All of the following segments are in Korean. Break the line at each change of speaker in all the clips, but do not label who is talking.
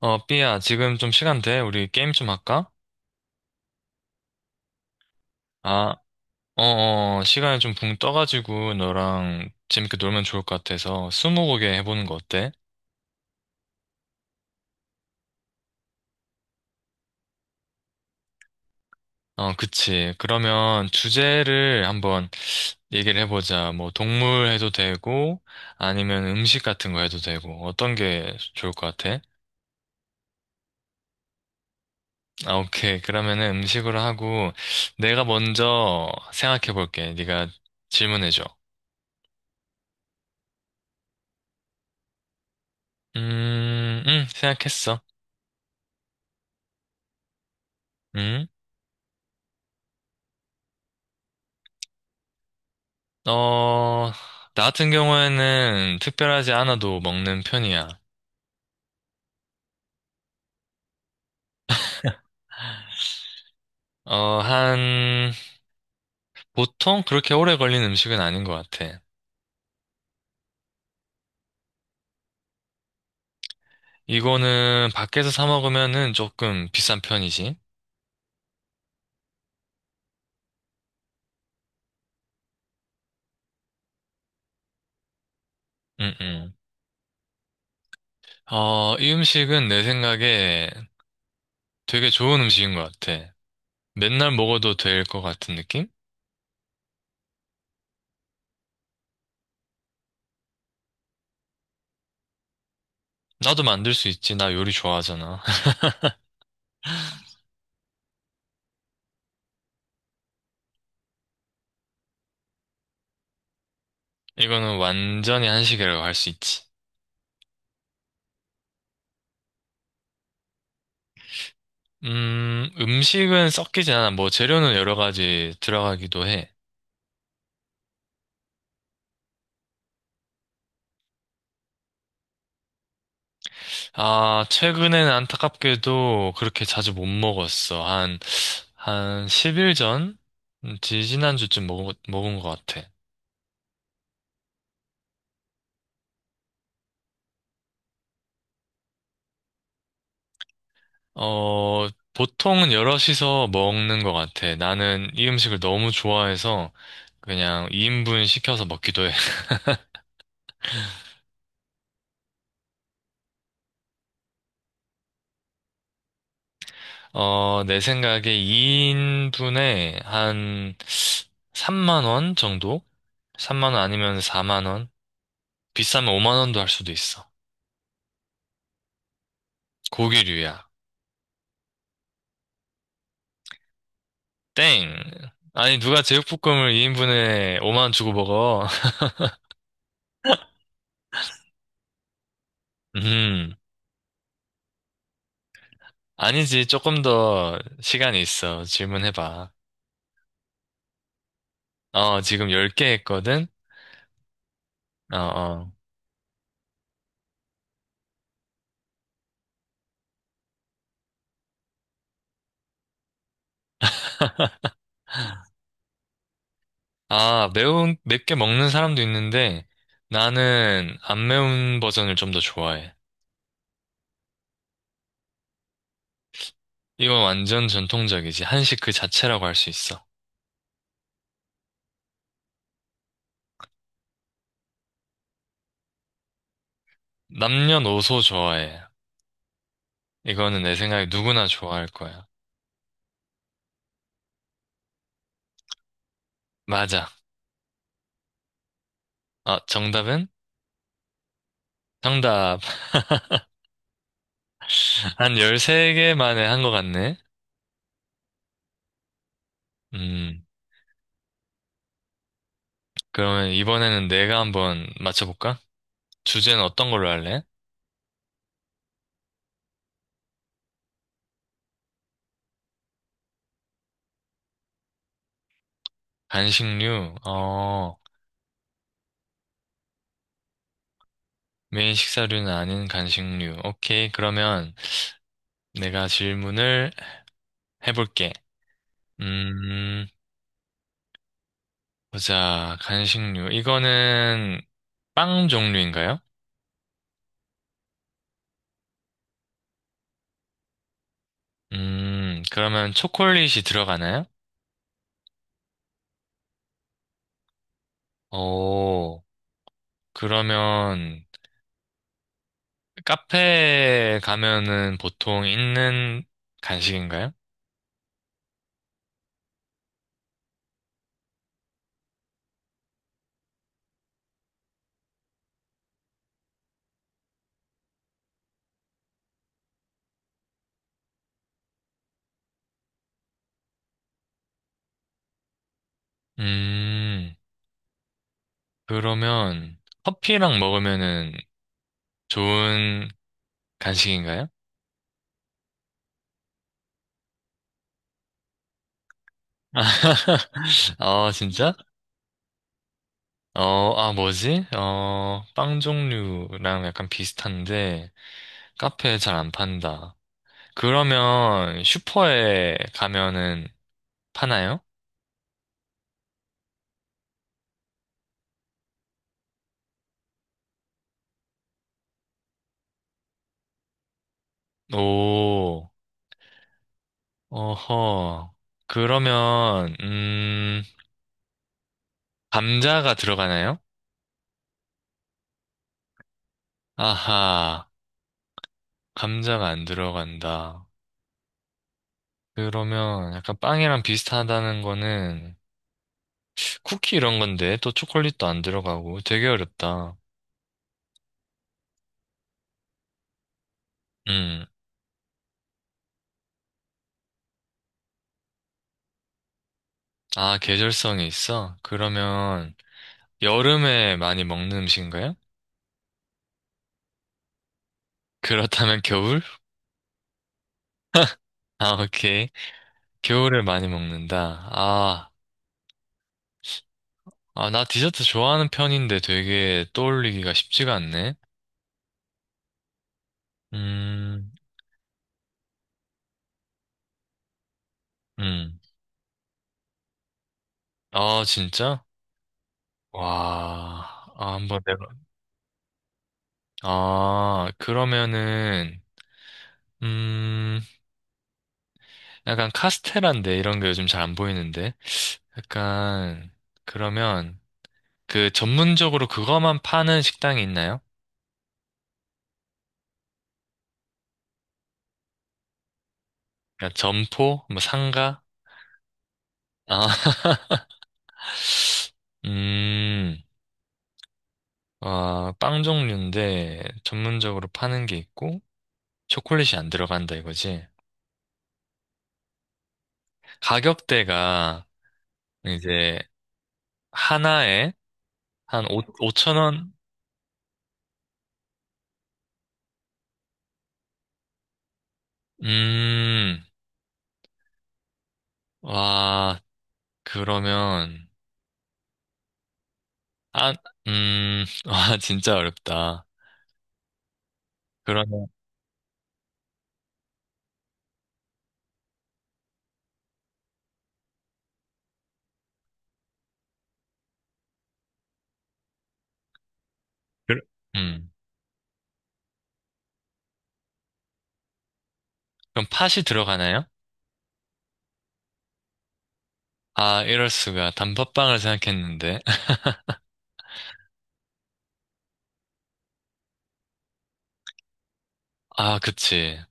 삐야, 지금 좀 시간 돼? 우리 게임 좀 할까? 아, 어, 시간이 좀 붕 떠가지고 너랑 재밌게 놀면 좋을 것 같아서 스무고개 해보는 거 어때? 그치. 그러면 주제를 한번 얘기를 해보자. 뭐, 동물 해도 되고, 아니면 음식 같은 거 해도 되고, 어떤 게 좋을 것 같아? 아, 오케이. 그러면은 음식으로 하고, 내가 먼저 생각해볼게. 네가 질문해줘. 생각했어. 음. 어, 나 같은 경우에는 특별하지 않아도 먹는 편이야. 어, 한, 보통 그렇게 오래 걸린 음식은 아닌 것 같아. 이거는 밖에서 사 먹으면은 조금 비싼 편이지. 응, 응. 이 음식은 내 생각에 되게 좋은 음식인 것 같아. 맨날 먹어도 될 것 같은 느낌? 나도 만들 수 있지. 나 요리 좋아하잖아. 이거는 완전히 한식이라고 할 수 있지. 음식은 섞이지 않아. 뭐 재료는 여러 가지 들어가기도 해. 아, 최근에는 안타깝게도 그렇게 자주 못 먹었어. 한 10일 전? 지지난주쯤 먹은 것 같아. 어, 보통은 여럿이서 먹는 것 같아. 나는 이 음식을 너무 좋아해서 그냥 2인분 시켜서 먹기도 해. 내 생각에 2인분에 한 3만 원 정도? 3만 원 아니면 4만 원? 비싸면 5만 원도 할 수도 있어. 고기류야. 땡. 아니, 누가 제육볶음을 2인분에 5만 원 주고 먹어? 음, 아니지. 조금 더 시간이 있어. 질문해봐. 지금 10개 했거든? 어, 어. 아, 맵게 먹는 사람도 있는데, 나는 안 매운 버전을 좀 더 좋아해. 이건 완전 전통적이지. 한식 그 자체라고 할 수 있어. 남녀노소 좋아해. 이거는 내 생각에 누구나 좋아할 거야. 맞아. 아, 정답은? 정답. 한 13개 만에 한 것 같네. 음, 그러면 이번에는 내가 한번 맞춰볼까? 주제는 어떤 걸로 할래? 간식류, 메인 식사류는 아닌 간식류. 오케이, 그러면 내가 질문을 해볼게. 음, 보자, 간식류. 이거는 빵 종류인가요? 그러면 초콜릿이 들어가나요? 오, 그러면 카페에 가면은 보통 있는 간식인가요? 음, 그러면 커피랑 먹으면은 좋은 간식인가요? 아, 진짜? 뭐지? 빵 종류랑 약간 비슷한데 카페에 잘 안 판다. 그러면 슈퍼에 가면은 파나요? 오, 어허. 그러면, 감자가 들어가나요? 아하, 감자가 안 들어간다. 그러면 약간 빵이랑 비슷하다는 거는 쿠키 이런 건데 또 초콜릿도 안 들어가고 되게 어렵다. 음. 아, 계절성이 있어? 그러면 여름에 많이 먹는 음식인가요? 그렇다면 겨울? 아, 오케이. 겨울에 많이 먹는다. 아, 아, 나 디저트 좋아하는 편인데 되게 떠올리기가 쉽지가 않네. 음, 음. 아, 진짜? 와, 한번 내가. 아, 그러면은, 음, 약간 카스테라인데 이런 게 요즘 잘 안 보이는데 약간 그러면 그 전문적으로 그거만 파는 식당이 있나요? 그러니까 점포, 뭐 상가, 아, 음, 빵 종류인데 전문적으로 파는 게 있고 초콜릿이 안 들어간다 이거지. 가격대가 이제 하나에 한 5, 5,000원, 음, 와, 그러면 아, 와 진짜 어렵다. 그 음. 그럼 팥이 들어가나요? 아, 이럴 수가. 단팥빵을 생각했는데. 아, 그치.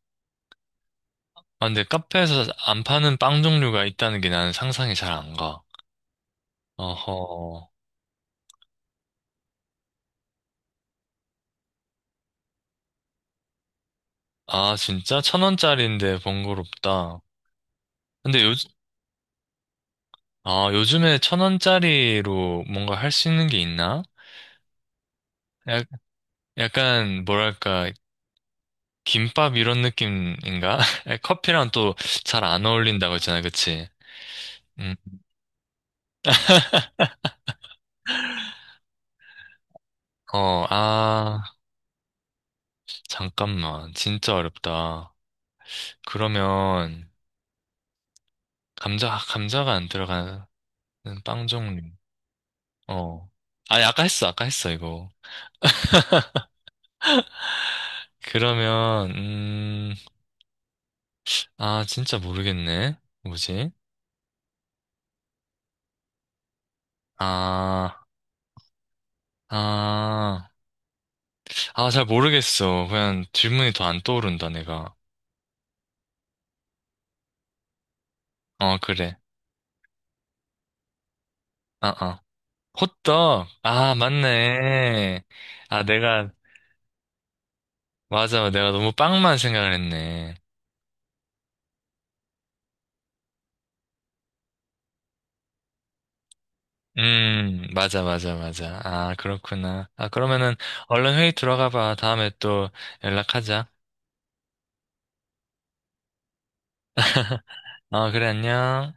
아, 근데 카페에서 안 파는 빵 종류가 있다는 게 나는 상상이 잘 안 가. 어허. 아, 진짜? 천 원짜리인데 번거롭다. 근데 요, 아, 요즘에 천 원짜리로 뭔가 할 수 있는 게 있나? 약, 약간, 뭐랄까, 김밥 이런 느낌인가? 커피랑 또 잘 안 어울린다고 했잖아, 그치? 음, 어, 아. 잠깐만, 진짜 어렵다. 그러면 감자가 안 들어가는 빵 종류. 어. 아니 아까 했어, 아까 했어 이거. 그러면 진짜 모르겠네. 뭐지? 아, 아, 아 잘 모르겠어. 그냥 질문이 더 안 떠오른다 내가. 어 그래. 아, 아. 호떡. 아 맞네. 아 내가 맞아, 내가 너무 빵만 생각을 했네. 맞아, 맞아, 맞아. 아, 그렇구나. 아, 그러면은 얼른 회의 들어가 봐. 다음에 또 연락하자. 아, 그래, 안녕.